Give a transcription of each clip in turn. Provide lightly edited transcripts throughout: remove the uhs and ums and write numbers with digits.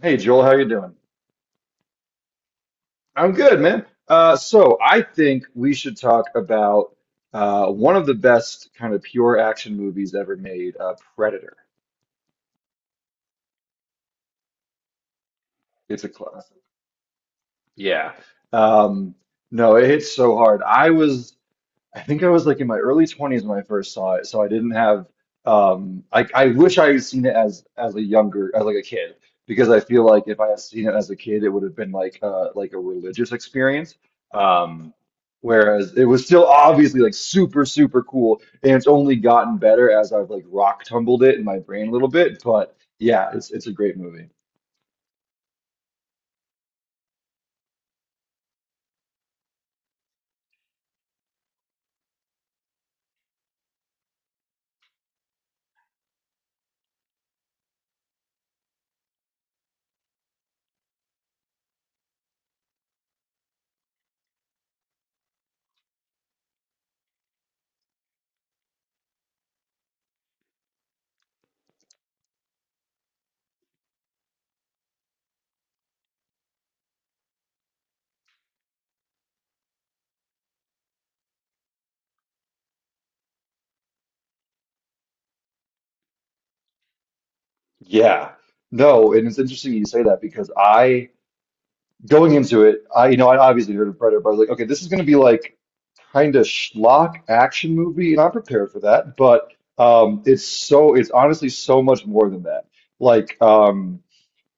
Hey Joel, how you doing? I'm good, man. So I think we should talk about one of the best kind of pure action movies ever made, Predator. It's a classic. Yeah. Um, no, it hits so hard. I think I was like in my early 20s when I first saw it, so I didn't have I wish I had seen it as a younger as like a kid because I feel like if I had seen it as a kid it would have been like a religious experience. Um Whereas it was still obviously like super cool, and it's only gotten better as I've like rock tumbled it in my brain a little bit. But yeah, it's a great movie. Yeah. No, and it's interesting you say that because I going into it, I you know, I obviously heard of Predator, but I was like, okay, this is going to be like kind of schlock action movie, and I'm prepared for that. But it's so it's honestly so much more than that. Like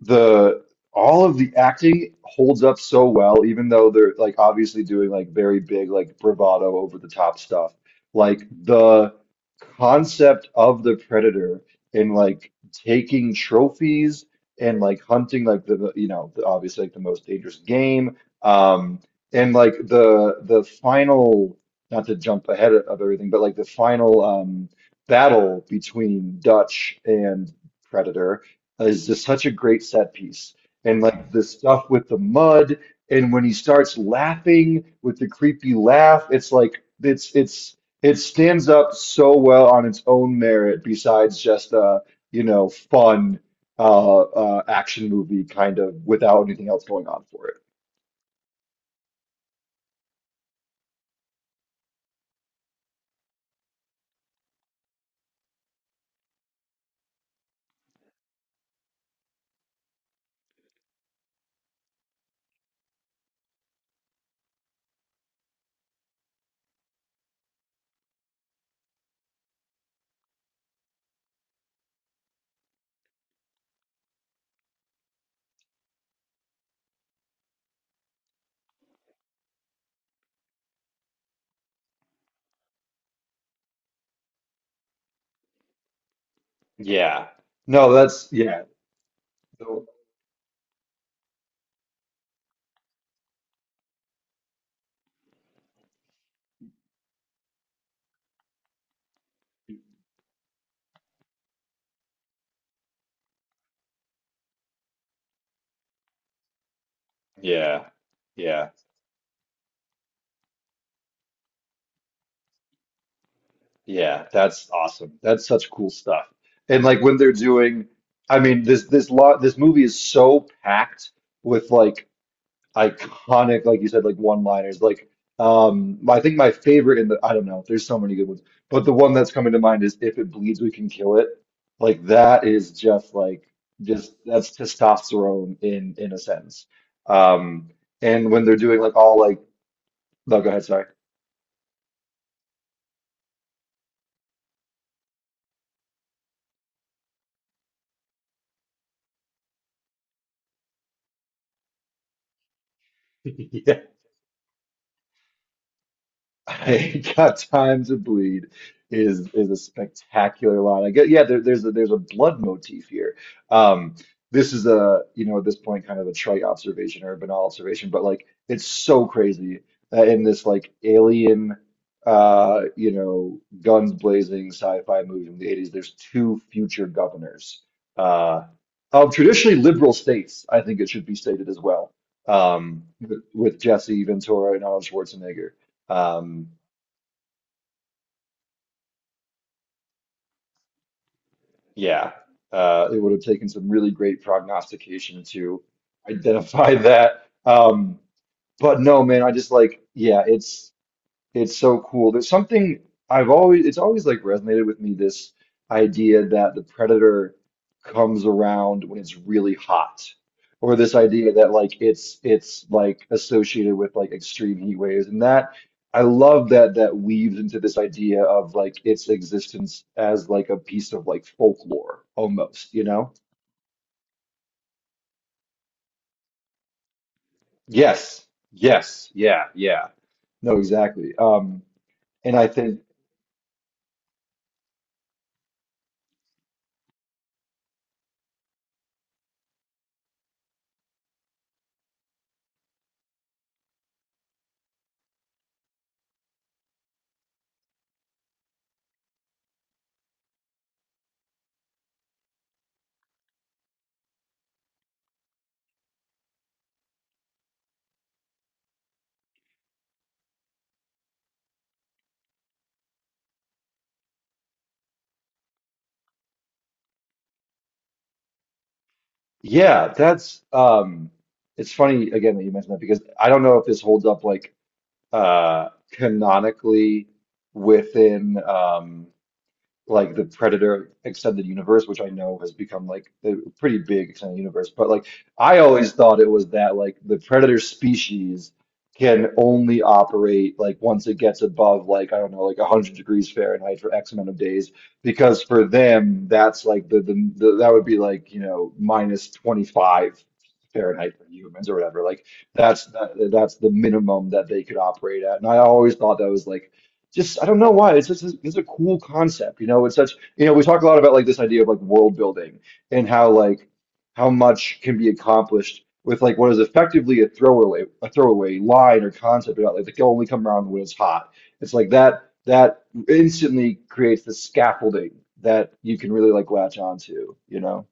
the all of the acting holds up so well, even though they're like obviously doing like very big, like bravado over the top stuff. Like the concept of the predator and like taking trophies and like hunting like you know, obviously like the most dangerous game, um and like the final, not to jump ahead of everything, but like the final battle between Dutch and Predator is just such a great set piece. And like the stuff with the mud, and when he starts laughing with the creepy laugh, it's like it stands up so well on its own merit, besides just a, you know, fun action movie kind of without anything else going on for it. Yeah. No, that's yeah. So. Yeah. Yeah. Yeah, that's awesome. That's such cool stuff. And like when they're doing, I mean, this movie is so packed with like iconic, like you said, like one-liners. Like, I think my favorite in the, I don't know, there's so many good ones, but the one that's coming to mind is "If it bleeds, we can kill it." Like that is just like just that's testosterone in a sentence. Um, and when they're doing like all like, no, go ahead, sorry. I got time to bleed is a spectacular line. I get, yeah, there's a blood motif here. Um, this is a, you know, at this point kind of a trite observation or a banal observation, but like it's so crazy that in this like alien you know guns blazing sci-fi movie from the 80s, there's two future governors uh of traditionally liberal states, I think it should be stated as well. With Jesse Ventura and Arnold Schwarzenegger. Um, yeah, it would have taken some really great prognostication to identify that. But no, man, I just like, yeah, it's. It's so cool. There's something I've always, it's always like resonated with me, this idea that the predator comes around when it's really hot, or this idea that like it's like associated with like extreme heat waves, and that I love that that weaves into this idea of like its existence as like a piece of like folklore almost, you know? Yes, yes, yeah, yeah. No, exactly. And I think. Yeah, that's it's funny again that you mentioned that, because I don't know if this holds up like canonically within like the Predator extended universe, which I know has become like a pretty big extended universe. But like I always thought it was that like the Predator species can only operate like once it gets above like, I don't know, like 100 degrees Fahrenheit for X amount of days, because for them that's like the that would be like, you know, minus 25 Fahrenheit for humans or whatever. Like that's that's the minimum that they could operate at. And I always thought that was like just, I don't know why. It's just this a cool concept, you know. It's such, you know, we talk a lot about like this idea of like world building and how like how much can be accomplished with like what is effectively a throwaway line or concept about like they can only come around when it's hot. It's like that instantly creates the scaffolding that you can really like latch onto, you know.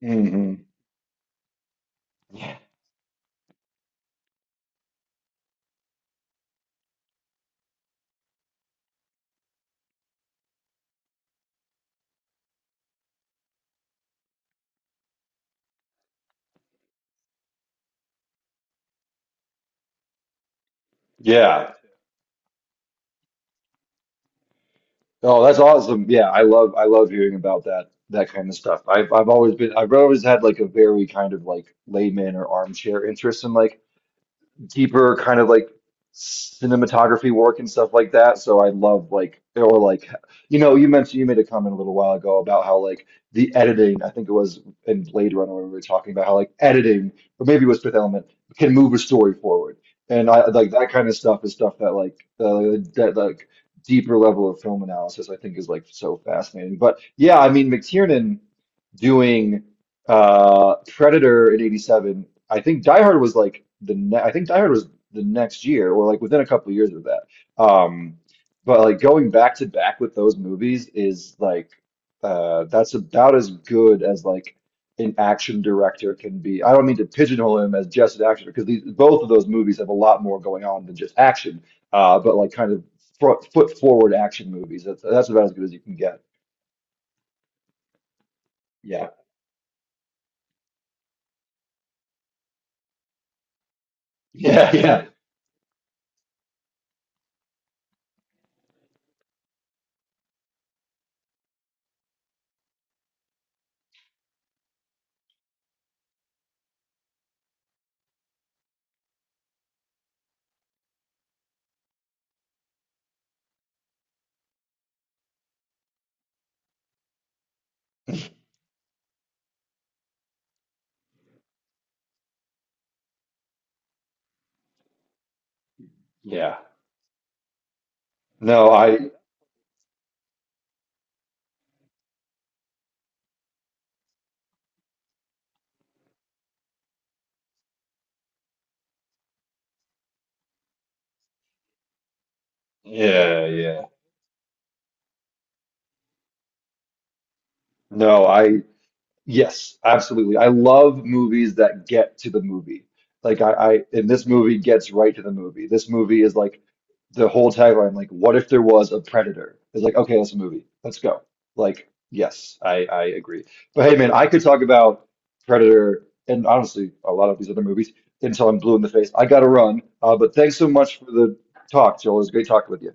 Hmm. Yeah. Yeah. Oh, that's awesome. Yeah, I love hearing about that kind of stuff. I've always been, I've always had like a very kind of like layman or armchair interest in like deeper kind of like cinematography work and stuff like that. So I love like, or like, you know, you mentioned you made a comment a little while ago about how like the editing, I think it was, in Blade Runner when we were talking about how like editing, or maybe it was Fifth Element, can move a story forward. And I like that kind of stuff is stuff that like the that like deeper level of film analysis I think is like so fascinating. But yeah, I mean, McTiernan doing Predator in 87. I think Die Hard was like the ne I think Die Hard was the next year or like within a couple of years of that. Um, but like going back to back with those movies is like that's about as good as like an action director can be. I don't mean to pigeonhole him as just an action, because these both of those movies have a lot more going on than just action. But like kind of foot forward action movies. That's about as good as you can get. Yeah. Yeah, yeah, yeah. No, I Yeah, yeah. No, I, yes, absolutely. I love movies that get to the movie. Like and this movie gets right to the movie. This movie is like the whole tagline, like, what if there was a predator? It's like, okay, that's a movie. Let's go. Like, yes, I agree. But hey, man, I could talk about Predator and honestly a lot of these other movies until I'm blue in the face. I gotta run. But thanks so much for the talk, Joel. It was great talking with you.